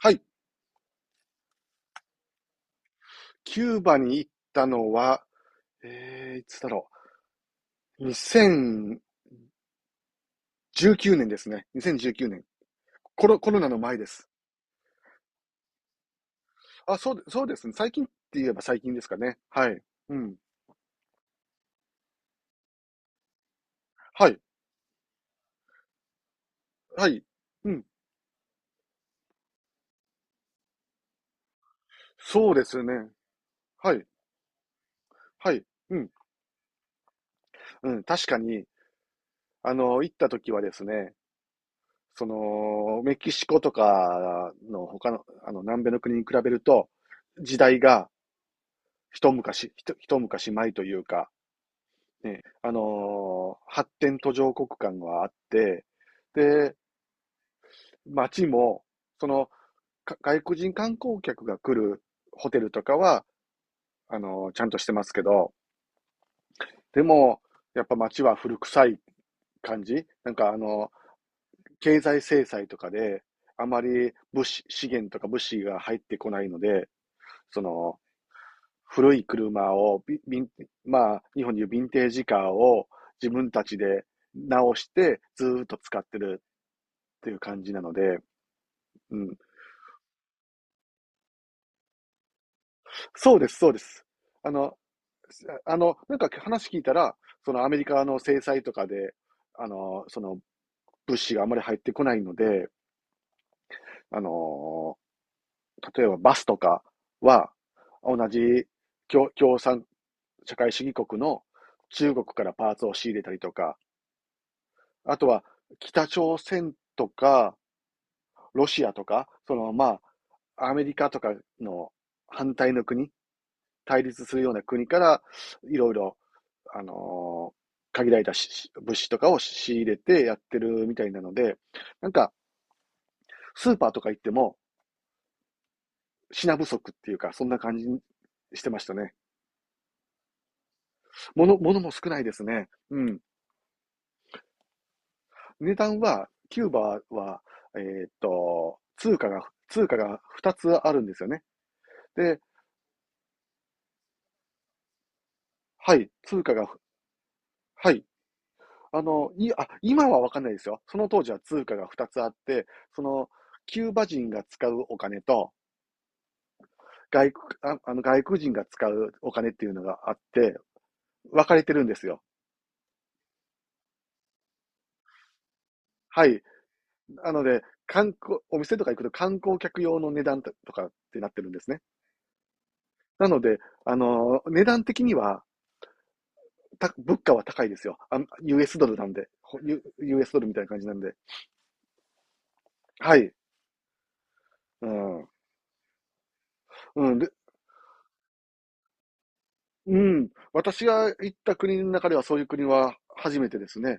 はい。キューバに行ったのは、いつだろう。2019年ですね。2019年。コロナの前です。あ、そうですね。最近って言えば最近ですかね。はい。うん。はい。はい。うん。そうですね。はい。はい。うん。うん。確かに、行った時はですね、メキシコとかの他の、南米の国に比べると、時代が一昔前というか、ね、発展途上国感があって、で、街も、その、外国人観光客が来るホテルとかは、ちゃんとしてますけど、でも、やっぱ街は古臭い感じ。なんか経済制裁とかで、あまり物資、資源とか物資が入ってこないので、その、古い車を、まあ、日本でいうヴィンテージカーを自分たちで直してずーっと使ってるっていう感じなので。うん。そうです、そうです。あの、なんか話聞いたら、そのアメリカの制裁とかで、その物資があまり入ってこないので、あの、例えばバスとかは、同じ共産社会主義国の中国からパーツを仕入れたりとか、あとは北朝鮮とか、ロシアとか、アメリカとかの反対の国、対立するような国から、いろいろ、あのー限られた物資とかを仕入れてやってるみたいなので、なんか、スーパーとか行っても品不足っていうか、そんな感じしてましたね。物、物も少ないですね。うん。値段は、キューバは、通貨が2つあるんですよね。で、はい、通貨が、はい。あ、今はわかんないですよ。その当時は通貨が2つあって、その、キューバ人が使うお金と、外国、ああの外国人が使うお金っていうのがあって、分かれてるんですよ。はい。なので、お店とか行くと観光客用の値段とかってなってるんですね。なので、あの値段的には、物価は高いですよ。あ、 US ドルなんで、U US ドルみたいな感じなんで。はい。うん。うん。で、うん。私が行った国の中ではそういう国は初めてですね。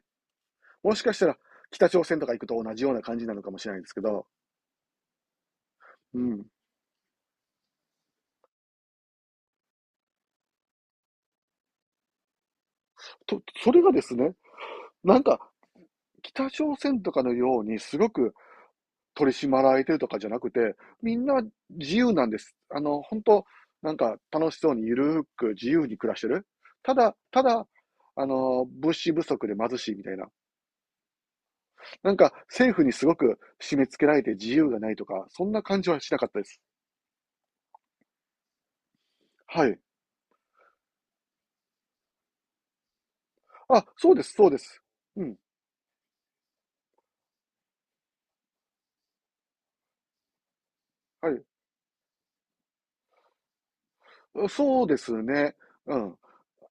もしかしたら北朝鮮とか行くと同じような感じなのかもしれないんですけど、うん。それがですね、なんか、北朝鮮とかのようにすごく取り締まられてるとかじゃなくて、みんな自由なんです。本当なんか楽しそうにゆるーく自由に暮らしてる。ただ、物資不足で貧しいみたいな。なんか政府にすごく締め付けられて自由がないとか、そんな感じはしなかったです。はい。あ、そうです、そうです。うん。はい。そうですね。うん。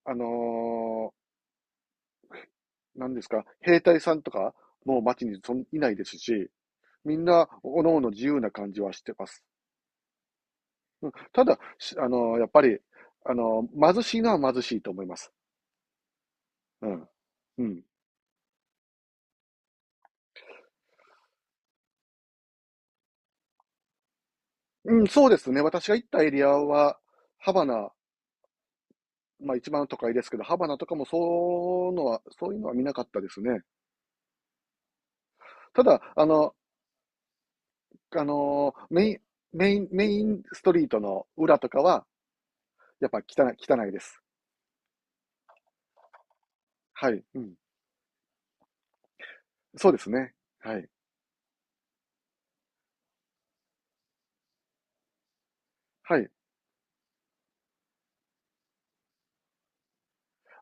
あの何ですか、兵隊さんとかもう街にそんいないですし、みんな、おのおの自由な感じはしてます。うん、ただ、やっぱり、あの、貧しいのは貧しいと思います。うん。うん。うん、そうですね。私が行ったエリアは、ハバナ、まあ一番都会ですけど、ハバナとかもそうのは、そういうのは見なかったですね。ただ、あの、メイン、メインストリートの裏とかは、やっぱ汚い、汚いです。はい。うん。そうですね。はい。はい。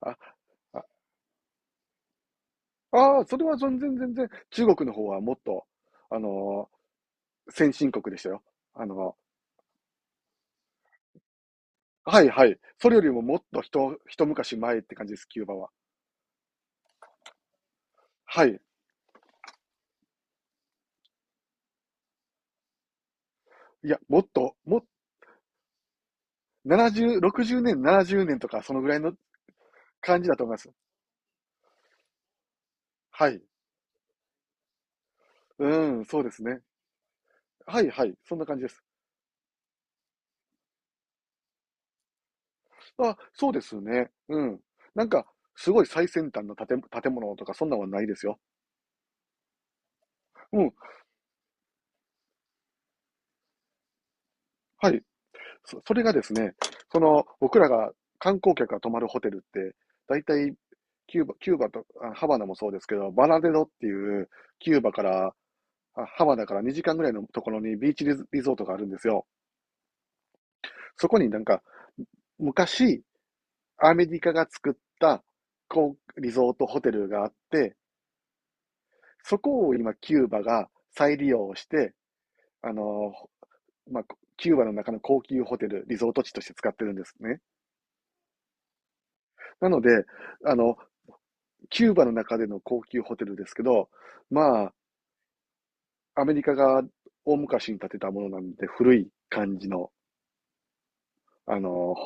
あ、それは全然全然、中国の方はもっと、あの先進国でしたよ。あのはいはい。それよりももっと一昔前って感じです、キューバは。はい。いや、もっと、70、60年、70年とか、そのぐらいの感じだと思います。はい。うん、そうですね。はいはい。そんな感じです。あ、そうですね。うん。なんか、すごい最先端の建物とか、そんなんはないですよ。うん。はい。それがですね、僕らが観光客が泊まるホテルって、大体、キューバと、ハバナもそうですけど、バナデロっていう、キューバから、ハバナから2時間ぐらいのところにビーチリゾートがあるんですよ。そこになんか、昔、アメリカが作った、こう、リゾートホテルがあって、そこを今、キューバが再利用して、あの、まあ、キューバの中の高級ホテル、リゾート地として使ってるんですね。なので、あの、キューバの中での高級ホテルですけど、まあ、アメリカが大昔に建てたものなんで、古い感じの、あの、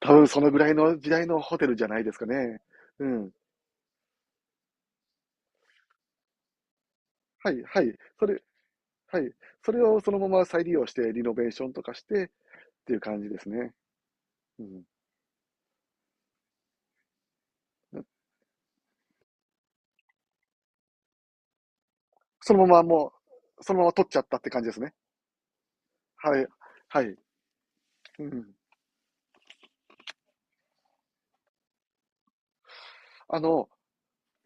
多分そのぐらいの時代のホテルじゃないですかね。うん。はい、はい。はい。それをそのまま再利用して、リノベーションとかしてっていう感じですね。うん。そのままもう、そのまま取っちゃったって感じですね。はい、はい。うん。あの、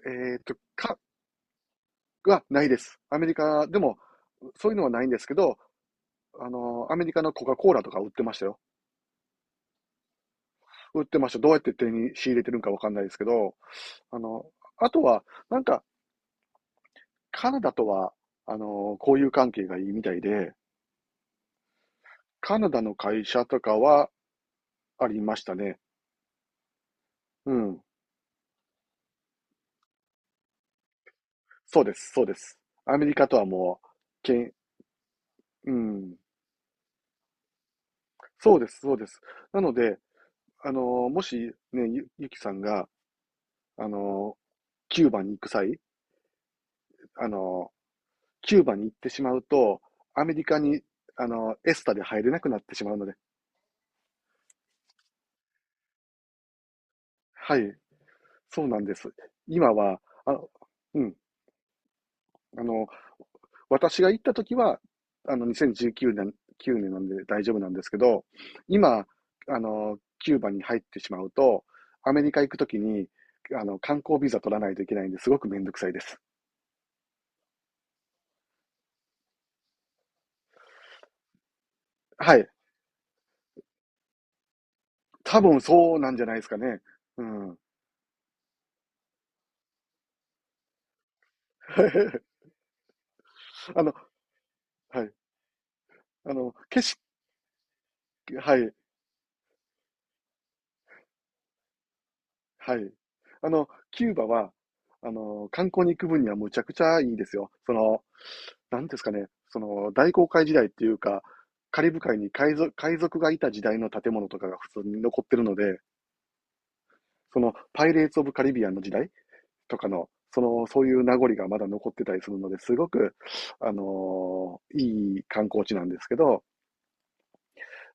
えっと、か、はないです。アメリカでも、そういうのはないんですけど、アメリカのコカ・コーラとか売ってましたよ。売ってました。どうやって手に仕入れてるんかわかんないですけど、あの、あとは、なんか、カナダとは、交友関係がいいみたいで、カナダの会社とかはありましたね。うん。そうです、そうです。アメリカとはもう、けん、うん。そうです、そうです。なので、あの、もしね、ゆきさんが、あの、キューバに行く際、あの、キューバに行ってしまうと、アメリカに、エスタで入れなくなってしまうので。はい、そうなんです。今は、あ、うん、あの、私が行った時は、2019年、9年なんで大丈夫なんですけど、今、キューバに入ってしまうと、アメリカ行くときに、観光ビザ取らないといけないんで、すごくめんどくさいです。はい。多分そうなんじゃないですかね。うん。あの、はい。あの、景色、はい。はい。キューバは、観光に行く分にはむちゃくちゃいいですよ。なんですかね、大航海時代っていうか、カリブ海に海賊がいた時代の建物とかが普通に残ってるので、パイレーツ・オブ・カリビアンの時代とかの、そういう名残がまだ残ってたりするので、すごく、いい観光地なんですけど、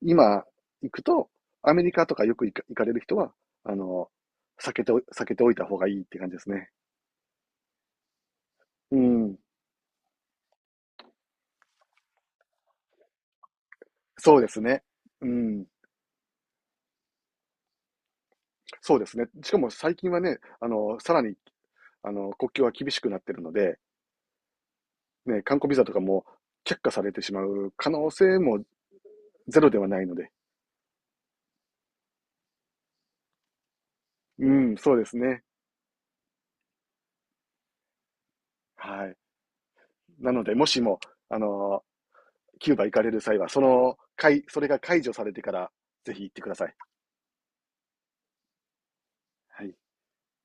今行くと、アメリカとかよく行かれる人は、あの、避けておいた方がいいって感じですね。うん、そうですね。うん、そうですね。しかも最近はね、さらに、国境は厳しくなってるので、ね、観光ビザとかも却下されてしまう可能性もゼロではないので。うん、そうですね。はい。なので、もしも、あの、キューバ行かれる際は、それが解除されてから、ぜひ行ってください。はい。